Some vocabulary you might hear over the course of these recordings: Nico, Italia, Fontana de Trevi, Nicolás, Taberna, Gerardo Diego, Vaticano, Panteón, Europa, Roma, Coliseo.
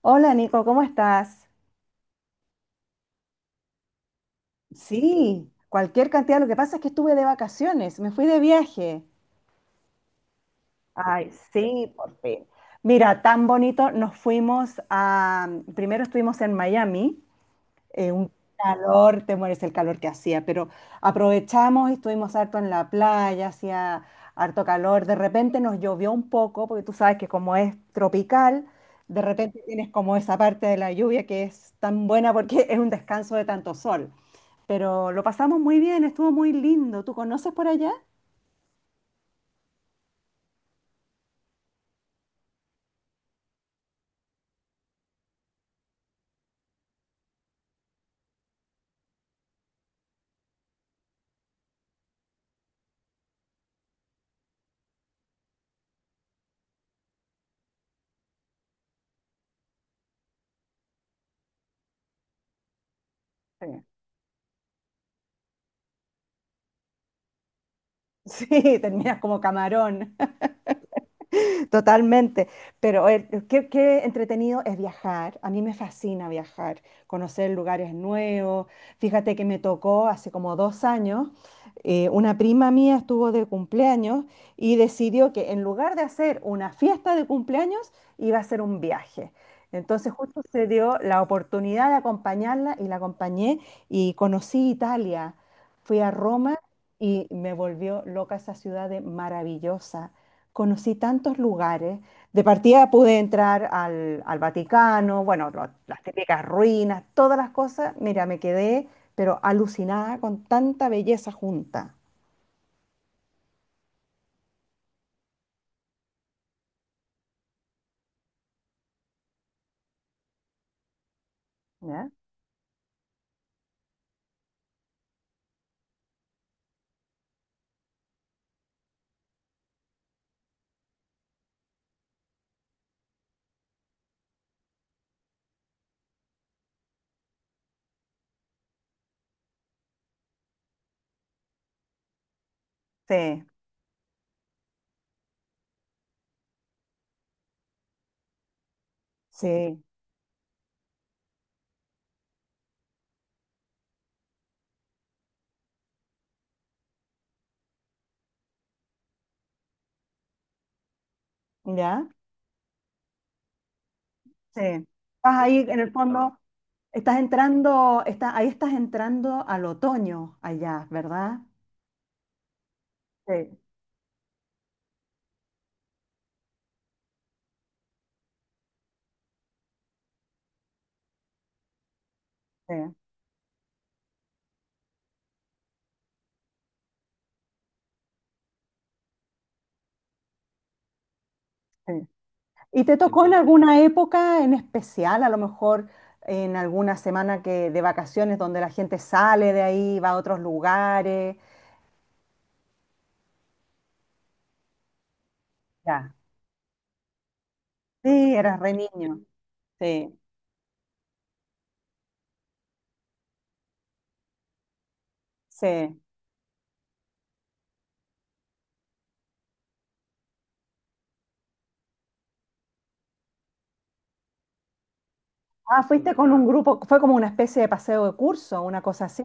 Hola Nico, ¿cómo estás? Sí, cualquier cantidad. Lo que pasa es que estuve de vacaciones, me fui de viaje. Ay, sí, por fin. Mira, tan bonito. Nos fuimos a, primero estuvimos en Miami un calor, te mueres el calor que hacía, pero aprovechamos y estuvimos harto en la playa, hacía harto calor, de repente nos llovió un poco, porque tú sabes que como es tropical, de repente tienes como esa parte de la lluvia que es tan buena porque es un descanso de tanto sol, pero lo pasamos muy bien, estuvo muy lindo. ¿Tú conoces por allá? Sí. Sí, terminas como camarón. Totalmente, pero qué, qué entretenido es viajar. A mí me fascina viajar, conocer lugares nuevos. Fíjate que me tocó hace como 2 años, una prima mía estuvo de cumpleaños y decidió que en lugar de hacer una fiesta de cumpleaños, iba a hacer un viaje. Entonces justo se dio la oportunidad de acompañarla y la acompañé y conocí Italia. Fui a Roma y me volvió loca esa ciudad de maravillosa, conocí tantos lugares. De partida pude entrar al Vaticano, bueno, las típicas ruinas, todas las cosas. Mira, me quedé, pero alucinada con tanta belleza junta. ¿Ya? Sí, sí, ¿ya? Sí. Estás ahí en el fondo, estás entrando, está, ahí estás entrando al otoño allá, ¿verdad? Sí, sí, sí. ¿Y te tocó en entonces, alguna época en especial, a lo mejor en alguna semana que, de vacaciones donde la gente sale de ahí, va a otros lugares? Ya. Sí, eras re niño. Sí, sí. Ah, fuiste con un, claro, grupo, fue como una especie de paseo de curso, una cosa así.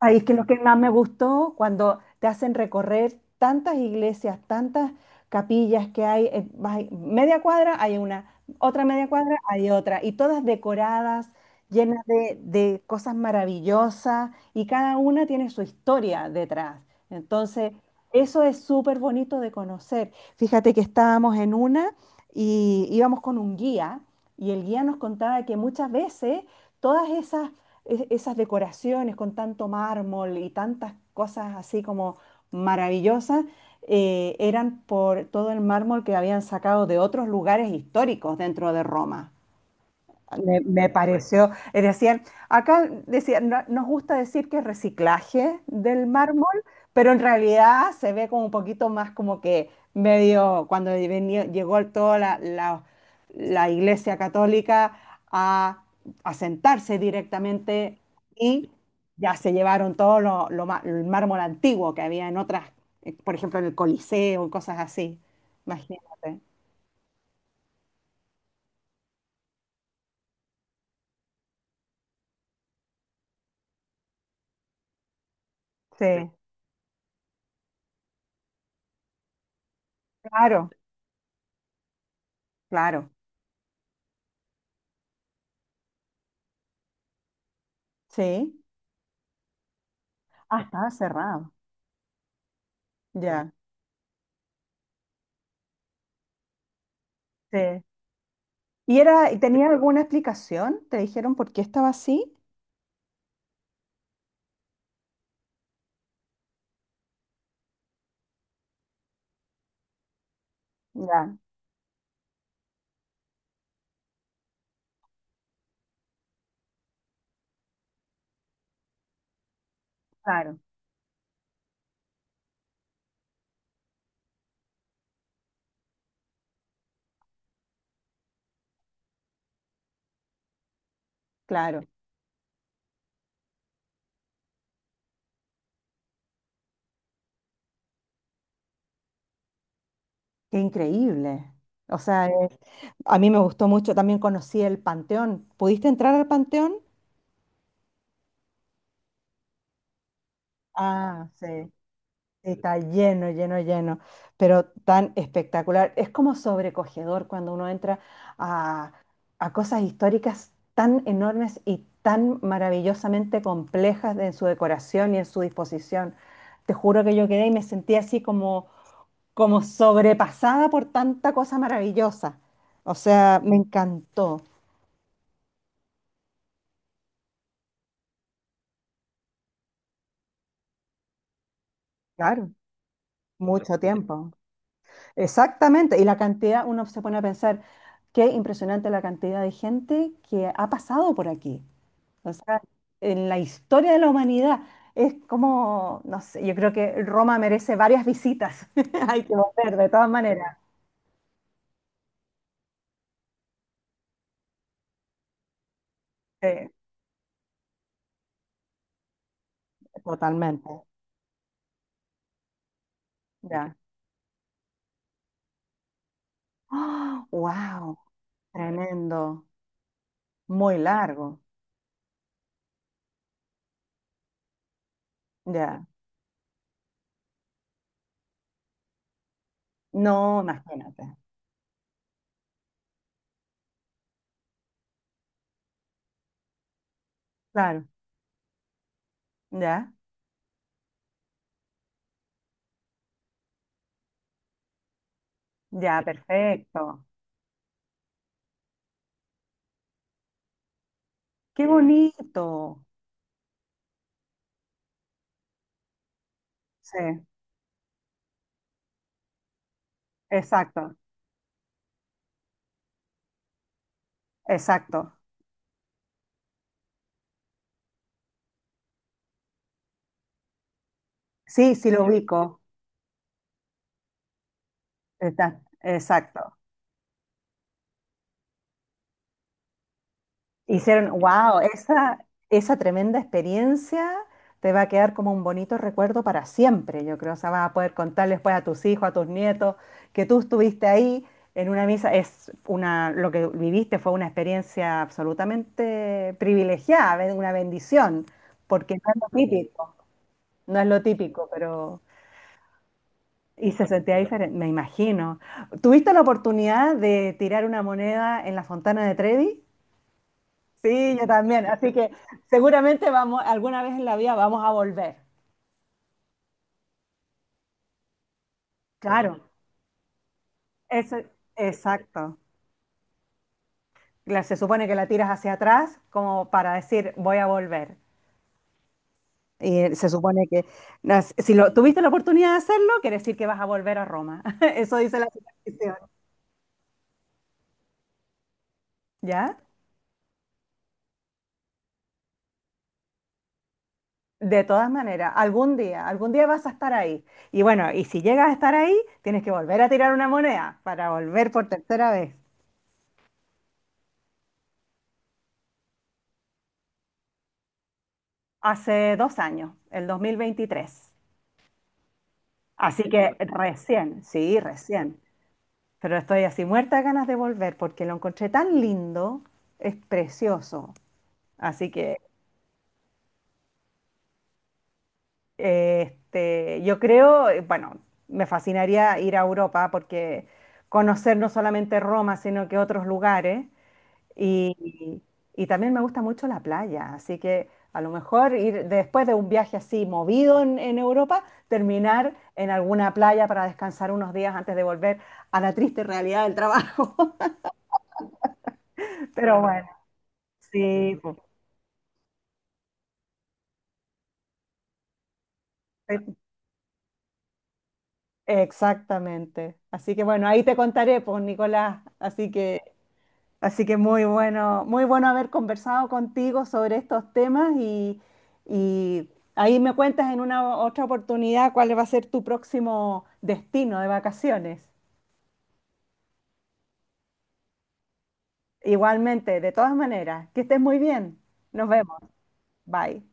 Ahí es que lo que más me gustó cuando te hacen recorrer tantas iglesias, tantas capillas que hay, vas ahí, media cuadra hay una, otra media cuadra hay otra, y todas decoradas, llenas de cosas maravillosas, y cada una tiene su historia detrás. Entonces, eso es súper bonito de conocer. Fíjate que estábamos en una y íbamos con un guía, y el guía nos contaba que muchas veces todas esas esas decoraciones con tanto mármol y tantas cosas así como maravillosas, eran por todo el mármol que habían sacado de otros lugares históricos dentro de Roma. Me pareció, decían, acá decían, nos gusta decir que es reciclaje del mármol, pero en realidad se ve como un poquito más como que medio, cuando llegó toda la Iglesia Católica a, a sentarse directamente y ya se llevaron todo lo, el mármol antiguo que había en otras, por ejemplo, en el Coliseo y cosas así, imagínate. Sí, claro, claro, sí. Ah, estaba cerrado. Ya. Sí. ¿Y era, y tenía alguna explicación? ¿Te dijeron por qué estaba así? Ya, claro, claro. Qué increíble. O sea, a mí me gustó mucho, también conocí el Panteón. ¿Pudiste entrar al Panteón? Ah, sí. Está lleno, lleno, lleno, pero tan espectacular. Es como sobrecogedor cuando uno entra a, a cosas históricas tan enormes y tan maravillosamente complejas en su decoración y en su disposición. Te juro que yo quedé y me sentí así como, como sobrepasada por tanta cosa maravillosa. O sea, me encantó. Claro, mucho tiempo. Exactamente, y la cantidad, uno se pone a pensar, qué impresionante la cantidad de gente que ha pasado por aquí. O sea, en la historia de la humanidad es como, no sé, yo creo que Roma merece varias visitas. Hay que volver, de todas maneras. Sí, totalmente. Ya. Wow, tremendo. Muy largo. Ya. No, imagínate. Claro. Ya. Ya, perfecto. Qué bonito. Sí, exacto. Exacto. Sí, sí lo ubico. Está, exacto. Hicieron, wow, esa tremenda experiencia te va a quedar como un bonito recuerdo para siempre, yo creo. O sea, vas a poder contar después a tus hijos, a tus nietos, que tú estuviste ahí en una misa. Es una, lo que viviste fue una experiencia absolutamente privilegiada, una bendición, porque no es lo típico, no es lo típico, pero... Y se sentía diferente, me imagino. ¿Tuviste la oportunidad de tirar una moneda en la Fontana de Trevi? Sí, yo también. Así que seguramente vamos, alguna vez en la vida vamos a volver. Claro, eso, exacto. Se supone que la tiras hacia atrás como para decir voy a volver. Y se supone que si tuviste la oportunidad de hacerlo, quiere decir que vas a volver a Roma. Eso dice la superstición. ¿Ya? De todas maneras, algún día vas a estar ahí. Y bueno, y si llegas a estar ahí, tienes que volver a tirar una moneda para volver por tercera vez. Hace 2 años, el 2023. Así que recién, sí, recién. Pero estoy así muerta de ganas de volver porque lo encontré tan lindo, es precioso. Así que eh, yo creo, bueno, me fascinaría ir a Europa porque conocer no solamente Roma, sino que otros lugares. Y, y también me gusta mucho la playa, así que a lo mejor ir después de un viaje así movido en Europa, terminar en alguna playa para descansar unos días antes de volver a la triste realidad del trabajo. Pero bueno, sí, pues, e- exactamente. Así que bueno, ahí te contaré, pues, Nicolás. Así que, así que muy bueno, muy bueno haber conversado contigo sobre estos temas y ahí me cuentas en una otra oportunidad cuál va a ser tu próximo destino de vacaciones. Igualmente, de todas maneras, que estés muy bien. Nos vemos. Bye.